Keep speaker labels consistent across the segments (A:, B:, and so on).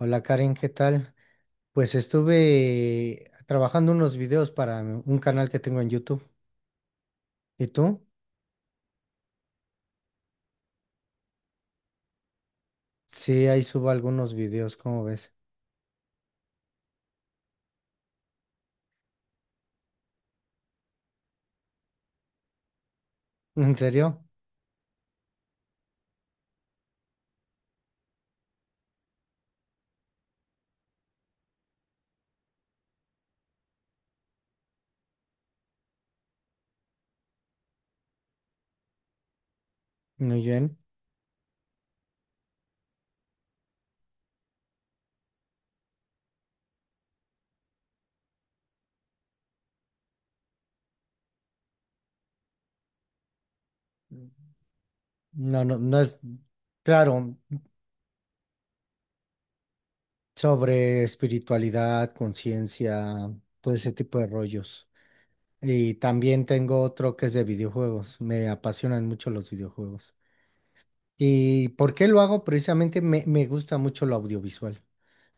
A: Hola Karen, ¿qué tal? Pues estuve trabajando unos videos para un canal que tengo en YouTube. ¿Y tú? Sí, ahí subo algunos videos, ¿cómo ves? ¿En serio? Muy bien. No, no, no es claro, sobre espiritualidad, conciencia, todo ese tipo de rollos. Y también tengo otro que es de videojuegos. Me apasionan mucho los videojuegos. ¿Y por qué lo hago? Precisamente me gusta mucho lo audiovisual.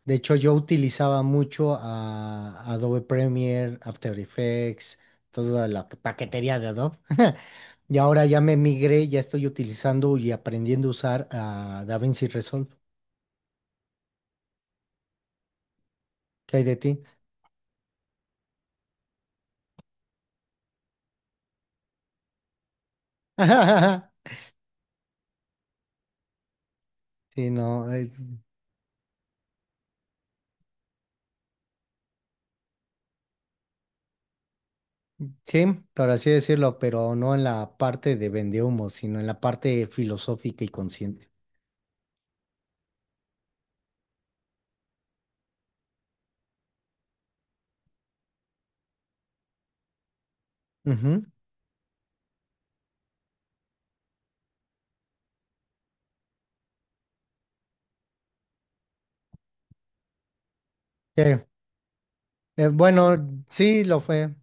A: De hecho, yo utilizaba mucho a Adobe Premiere, After Effects, toda la paquetería de Adobe. Y ahora ya me migré, ya estoy utilizando y aprendiendo a usar a DaVinci Resolve. ¿Qué hay de ti? Sí, no, sí, por así decirlo, pero no en la parte de vendehumo, sino en la parte filosófica y consciente. Ujú. Sí, bueno, sí lo fue.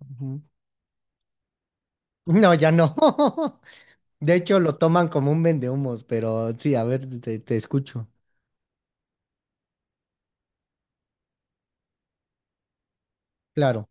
A: Ujú. No, ya no. De hecho, lo toman como un vendehumos, pero sí, a ver, te escucho. Claro.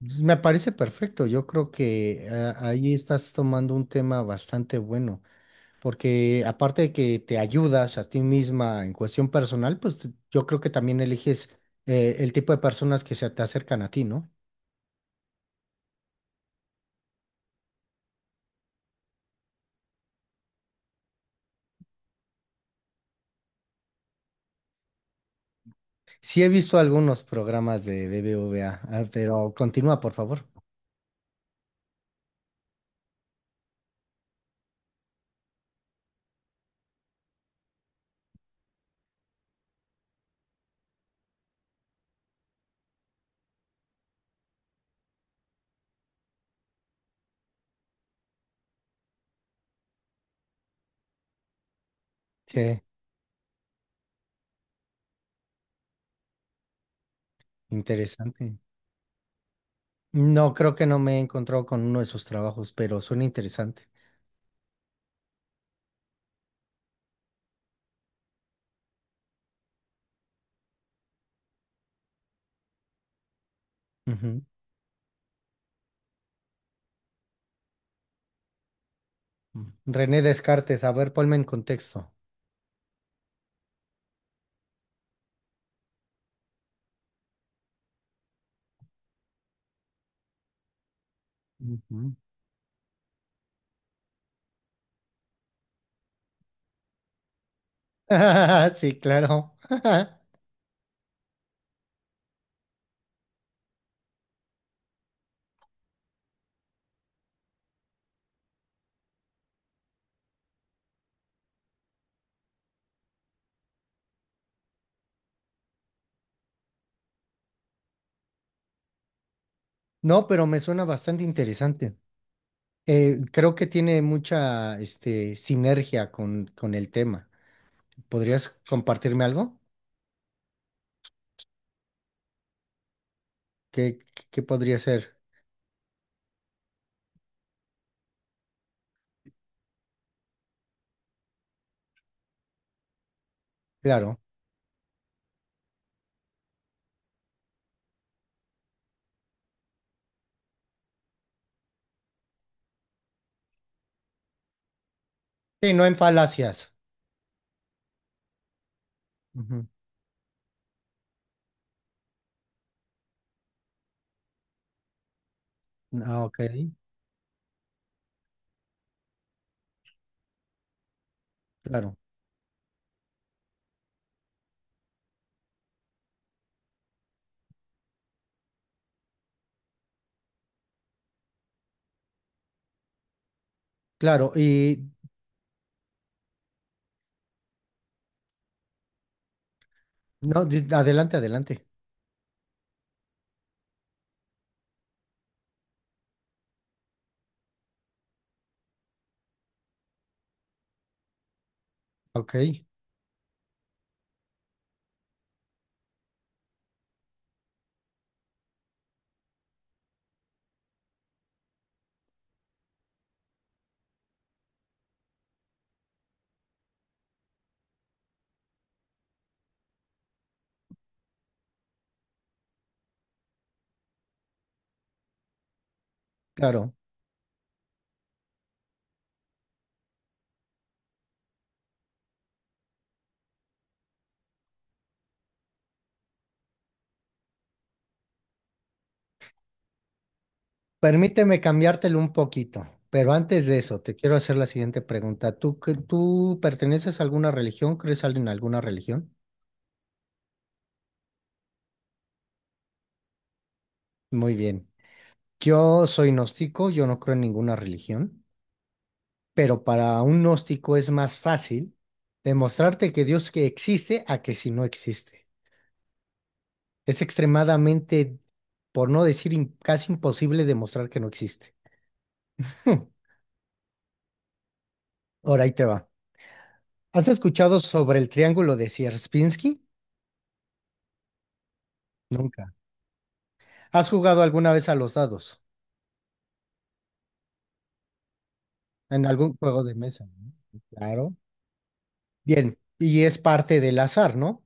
A: Entonces, me parece perfecto. Yo creo que ahí estás tomando un tema bastante bueno, porque aparte de que te ayudas a ti misma en cuestión personal, pues yo creo que también eliges el tipo de personas que se te acercan a ti, ¿no? Sí he visto algunos programas de BBVA, ah, pero continúa, por favor. Sí, interesante. No, creo que no me he encontrado con uno de sus trabajos, pero suena interesante. René Descartes, a ver, ponme en contexto. Ujú. Sí, claro. No, pero me suena bastante interesante. Creo que tiene mucha, sinergia con el tema. ¿Podrías compartirme algo? ¿Qué, qué podría ser? Claro. Sí, no en falacias. Ujú. Ah, ok, claro. Claro, y no, adelante, adelante. Ok, claro. Permíteme cambiártelo un poquito, pero antes de eso, te quiero hacer la siguiente pregunta. ¿Tú perteneces a alguna religión? ¿Crees algo en alguna religión? Muy bien. Yo soy gnóstico, yo no creo en ninguna religión, pero para un gnóstico es más fácil demostrarte que Dios que existe a que si no existe. Es extremadamente, por no decir casi imposible demostrar que no existe. Ahora ahí te va. ¿Has escuchado sobre el triángulo de Sierpinski? Nunca. ¿Has jugado alguna vez a los dados en algún juego de mesa, ¿no? Sí, claro. Bien, y es parte del azar, ¿no?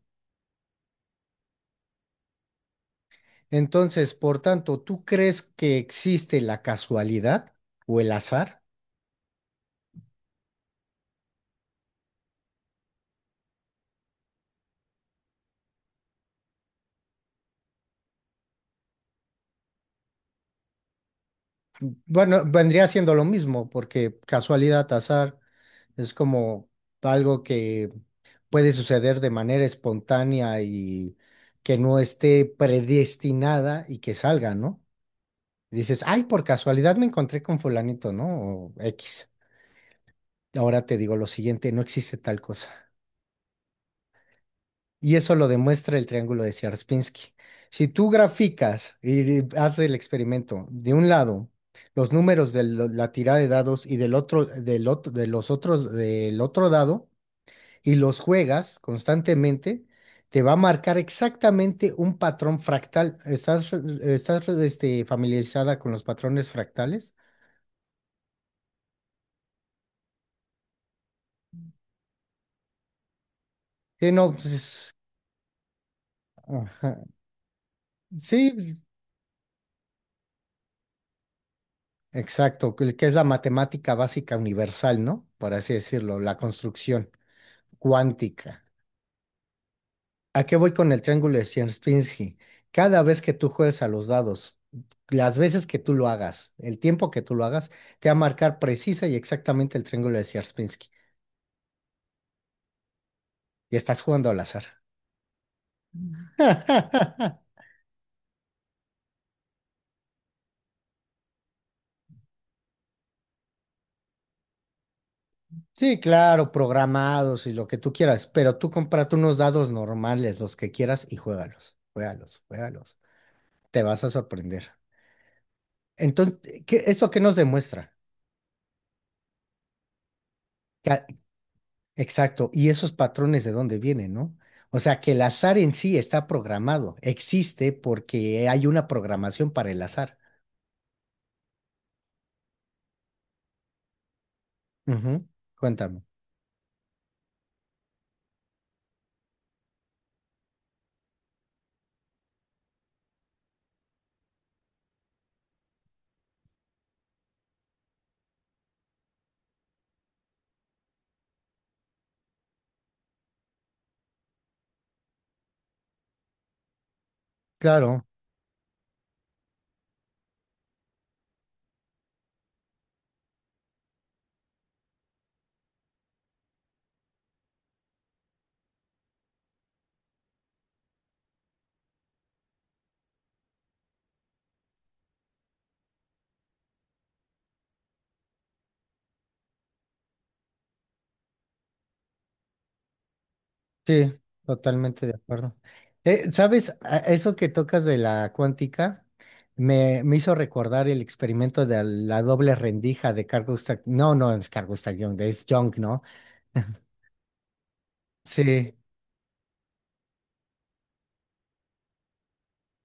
A: Entonces, por tanto, ¿tú crees que existe la casualidad o el azar? Bueno, vendría siendo lo mismo, porque casualidad, azar, es como algo que puede suceder de manera espontánea y que no esté predestinada y que salga, ¿no? Dices, ay, por casualidad me encontré con fulanito, ¿no? O X. Ahora te digo lo siguiente, no existe tal cosa. Y eso lo demuestra el triángulo de Sierpinski. Si tú graficas y haces el experimento, de un lado los números de la tirada de dados y del otro, de los otros del otro dado y los juegas constantemente, te va a marcar exactamente un patrón fractal. ¿Estás familiarizada con los patrones fractales? Sí, no, pues, ajá. Sí, exacto, que es la matemática básica universal, ¿no? Por así decirlo, la construcción cuántica. ¿A qué voy con el triángulo de Sierpinski? Cada vez que tú juegues a los dados, las veces que tú lo hagas, el tiempo que tú lo hagas, te va a marcar precisa y exactamente el triángulo de Sierpinski. Y estás jugando al azar. Sí, claro, programados y lo que tú quieras, pero tú cómprate unos dados normales, los que quieras, y juégalos, juégalos, juégalos. Te vas a sorprender. Entonces, esto qué nos demuestra? Que a- exacto, y esos patrones de dónde vienen, ¿no? O sea, que el azar en sí está programado, existe porque hay una programación para el azar. Ujú, cuéntame. Claro, sí, totalmente de acuerdo. ¿Sabes? Eso que tocas de la cuántica me hizo recordar el experimento de la doble rendija de Carl Gustav. No, no es Carl Gustav Jung, es Jung, ¿no? Sí.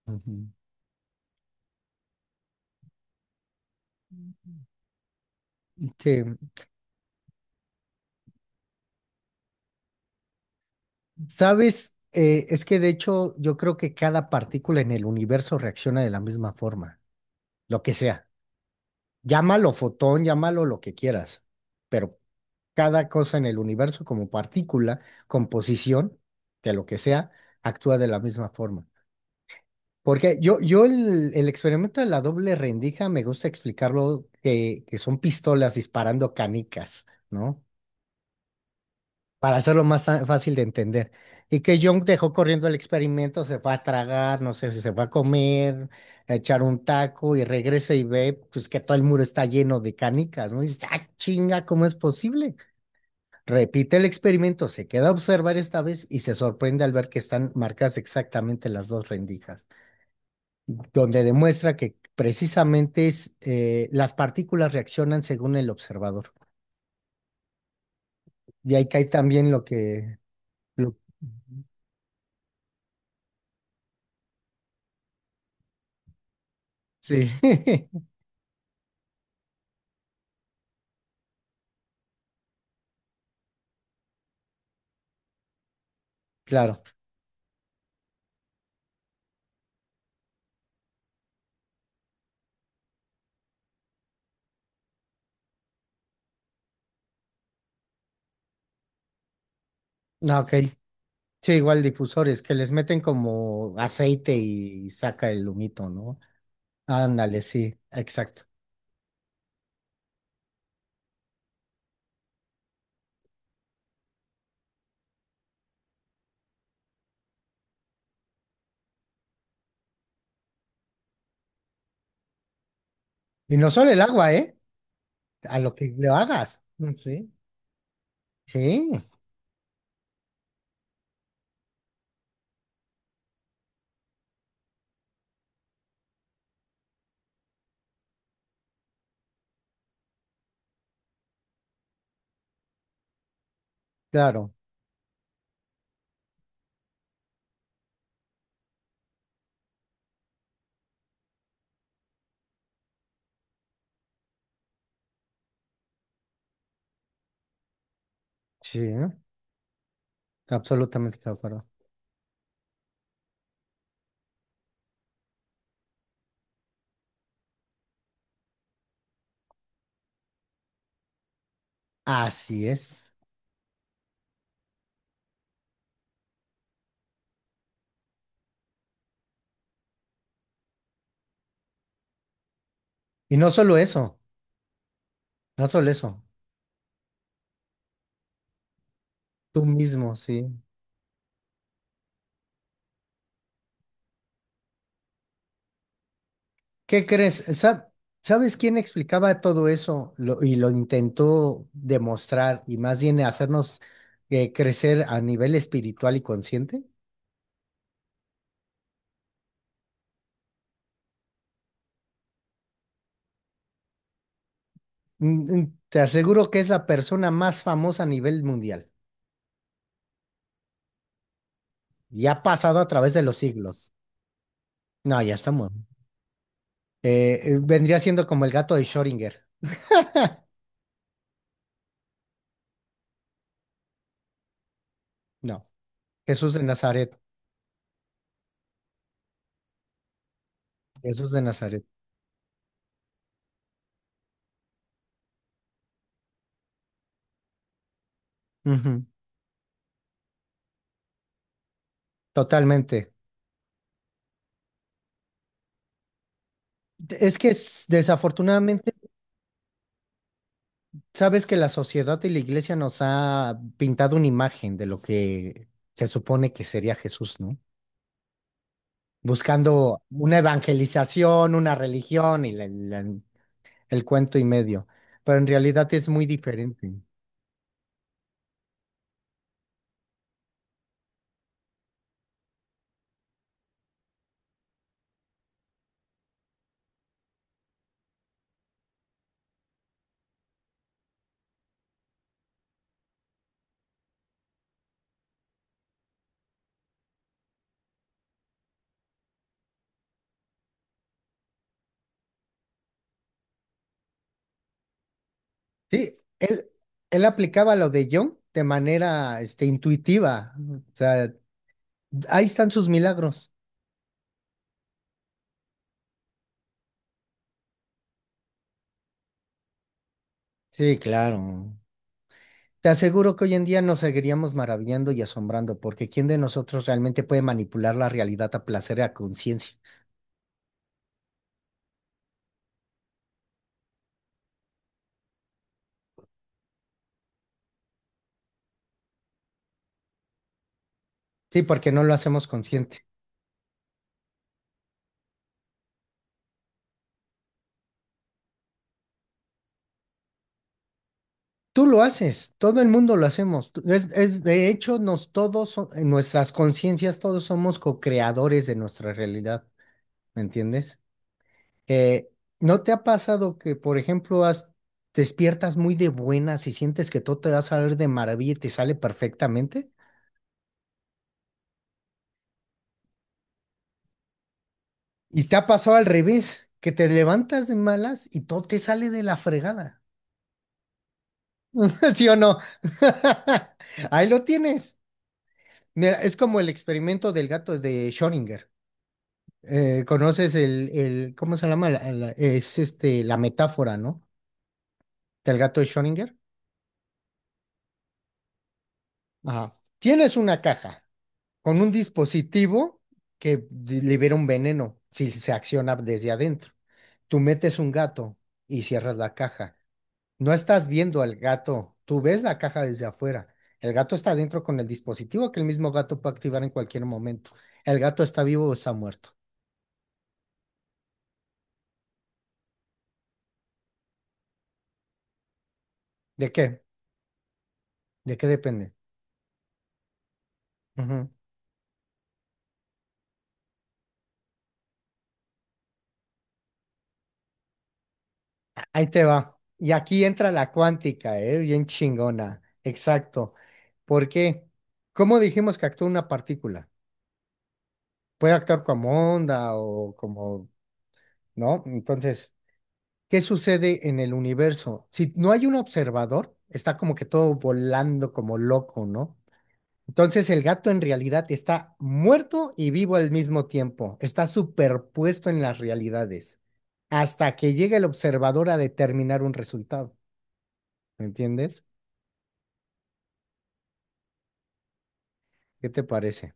A: Ujú. Sí. Sabes, es que de hecho yo creo que cada partícula en el universo reacciona de la misma forma, lo que sea. Llámalo fotón, llámalo lo que quieras, pero cada cosa en el universo como partícula, composición, de lo que sea, actúa de la misma forma. Porque yo el experimento de la doble rendija me gusta explicarlo que son pistolas disparando canicas, ¿no? Para hacerlo más fácil de entender. Y que Jung dejó corriendo el experimento, se va a tragar, no sé si se va a comer, a echar un taco y regresa y ve pues que todo el muro está lleno de canicas, ¿no? Y dice, ah, chinga, ¿cómo es posible? Repite el experimento, se queda a observar esta vez y se sorprende al ver que están marcadas exactamente las dos rendijas, donde demuestra que precisamente las partículas reaccionan según el observador. Y ahí cae también lo que lo- sí. Claro. Ah, ok. Sí, igual difusores que les meten como aceite y saca el humito, ¿no? Ándale, sí, exacto. Y no solo el agua, ¿eh? A lo que le hagas. Sí. Sí, claro. Sí, absolutamente de acuerdo. Así es. Y no solo eso, no solo eso. Tú mismo, sí. ¿Qué crees? ¿Sabes quién explicaba todo eso y lo intentó demostrar y más bien hacernos crecer a nivel espiritual y consciente? Te aseguro que es la persona más famosa a nivel mundial y ha pasado a través de los siglos. No, ya está muerto. Vendría siendo como el gato de Schrödinger. No, Jesús de Nazaret. Jesús de Nazaret. Ujú, totalmente. Es que desafortunadamente, sabes que la sociedad y la iglesia nos ha pintado una imagen de lo que se supone que sería Jesús, ¿no? Buscando una evangelización, una religión y el cuento y medio, pero en realidad es muy diferente. Sí, él aplicaba lo de Jung de manera, intuitiva. O sea, ahí están sus milagros. Sí, claro. Te aseguro que hoy en día nos seguiríamos maravillando y asombrando, porque ¿quién de nosotros realmente puede manipular la realidad a placer y a conciencia? Sí, porque no lo hacemos consciente. Tú lo haces, todo el mundo lo hacemos. Es de hecho, nos todos, en nuestras conciencias, todos somos co-creadores de nuestra realidad, ¿me entiendes? Eh, ¿No te ha pasado que, por ejemplo, despiertas muy de buenas y sientes que todo te va a salir de maravilla y te sale perfectamente? ¿Y te ha pasado al revés, que te levantas de malas y todo te sale de la fregada? ¿Sí o no? Ahí lo tienes. Mira, es como el experimento del gato de Schrödinger. ¿Conoces el, cómo se llama? La metáfora, ¿no? Del gato de Schrödinger. Ajá. Tienes una caja con un dispositivo que libera un veneno si se acciona desde adentro. Tú metes un gato y cierras la caja. No estás viendo al gato, tú ves la caja desde afuera. El gato está adentro con el dispositivo que el mismo gato puede activar en cualquier momento. ¿El gato está vivo o está muerto? ¿De qué? ¿De qué depende? Ujú. Ahí te va. Y aquí entra la cuántica, ¿eh? Bien chingona. Exacto. ¿Por qué? ¿Cómo dijimos que actúa una partícula? Puede actuar como onda o como, ¿no? Entonces, ¿qué sucede en el universo? Si no hay un observador, está como que todo volando como loco, ¿no? Entonces el gato en realidad está muerto y vivo al mismo tiempo, está superpuesto en las realidades, hasta que llega el observador a determinar un resultado, ¿me entiendes? ¿Qué te parece?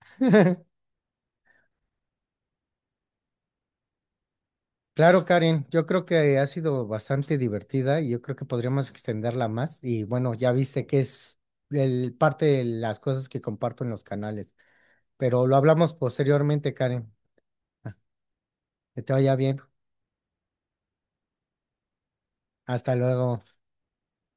A: Claro, Karen, yo creo que ha sido bastante divertida y yo creo que podríamos extenderla más. Y bueno, ya viste que es parte de las cosas que comparto en los canales, pero lo hablamos posteriormente, Karen. Que te vaya bien. Hasta luego.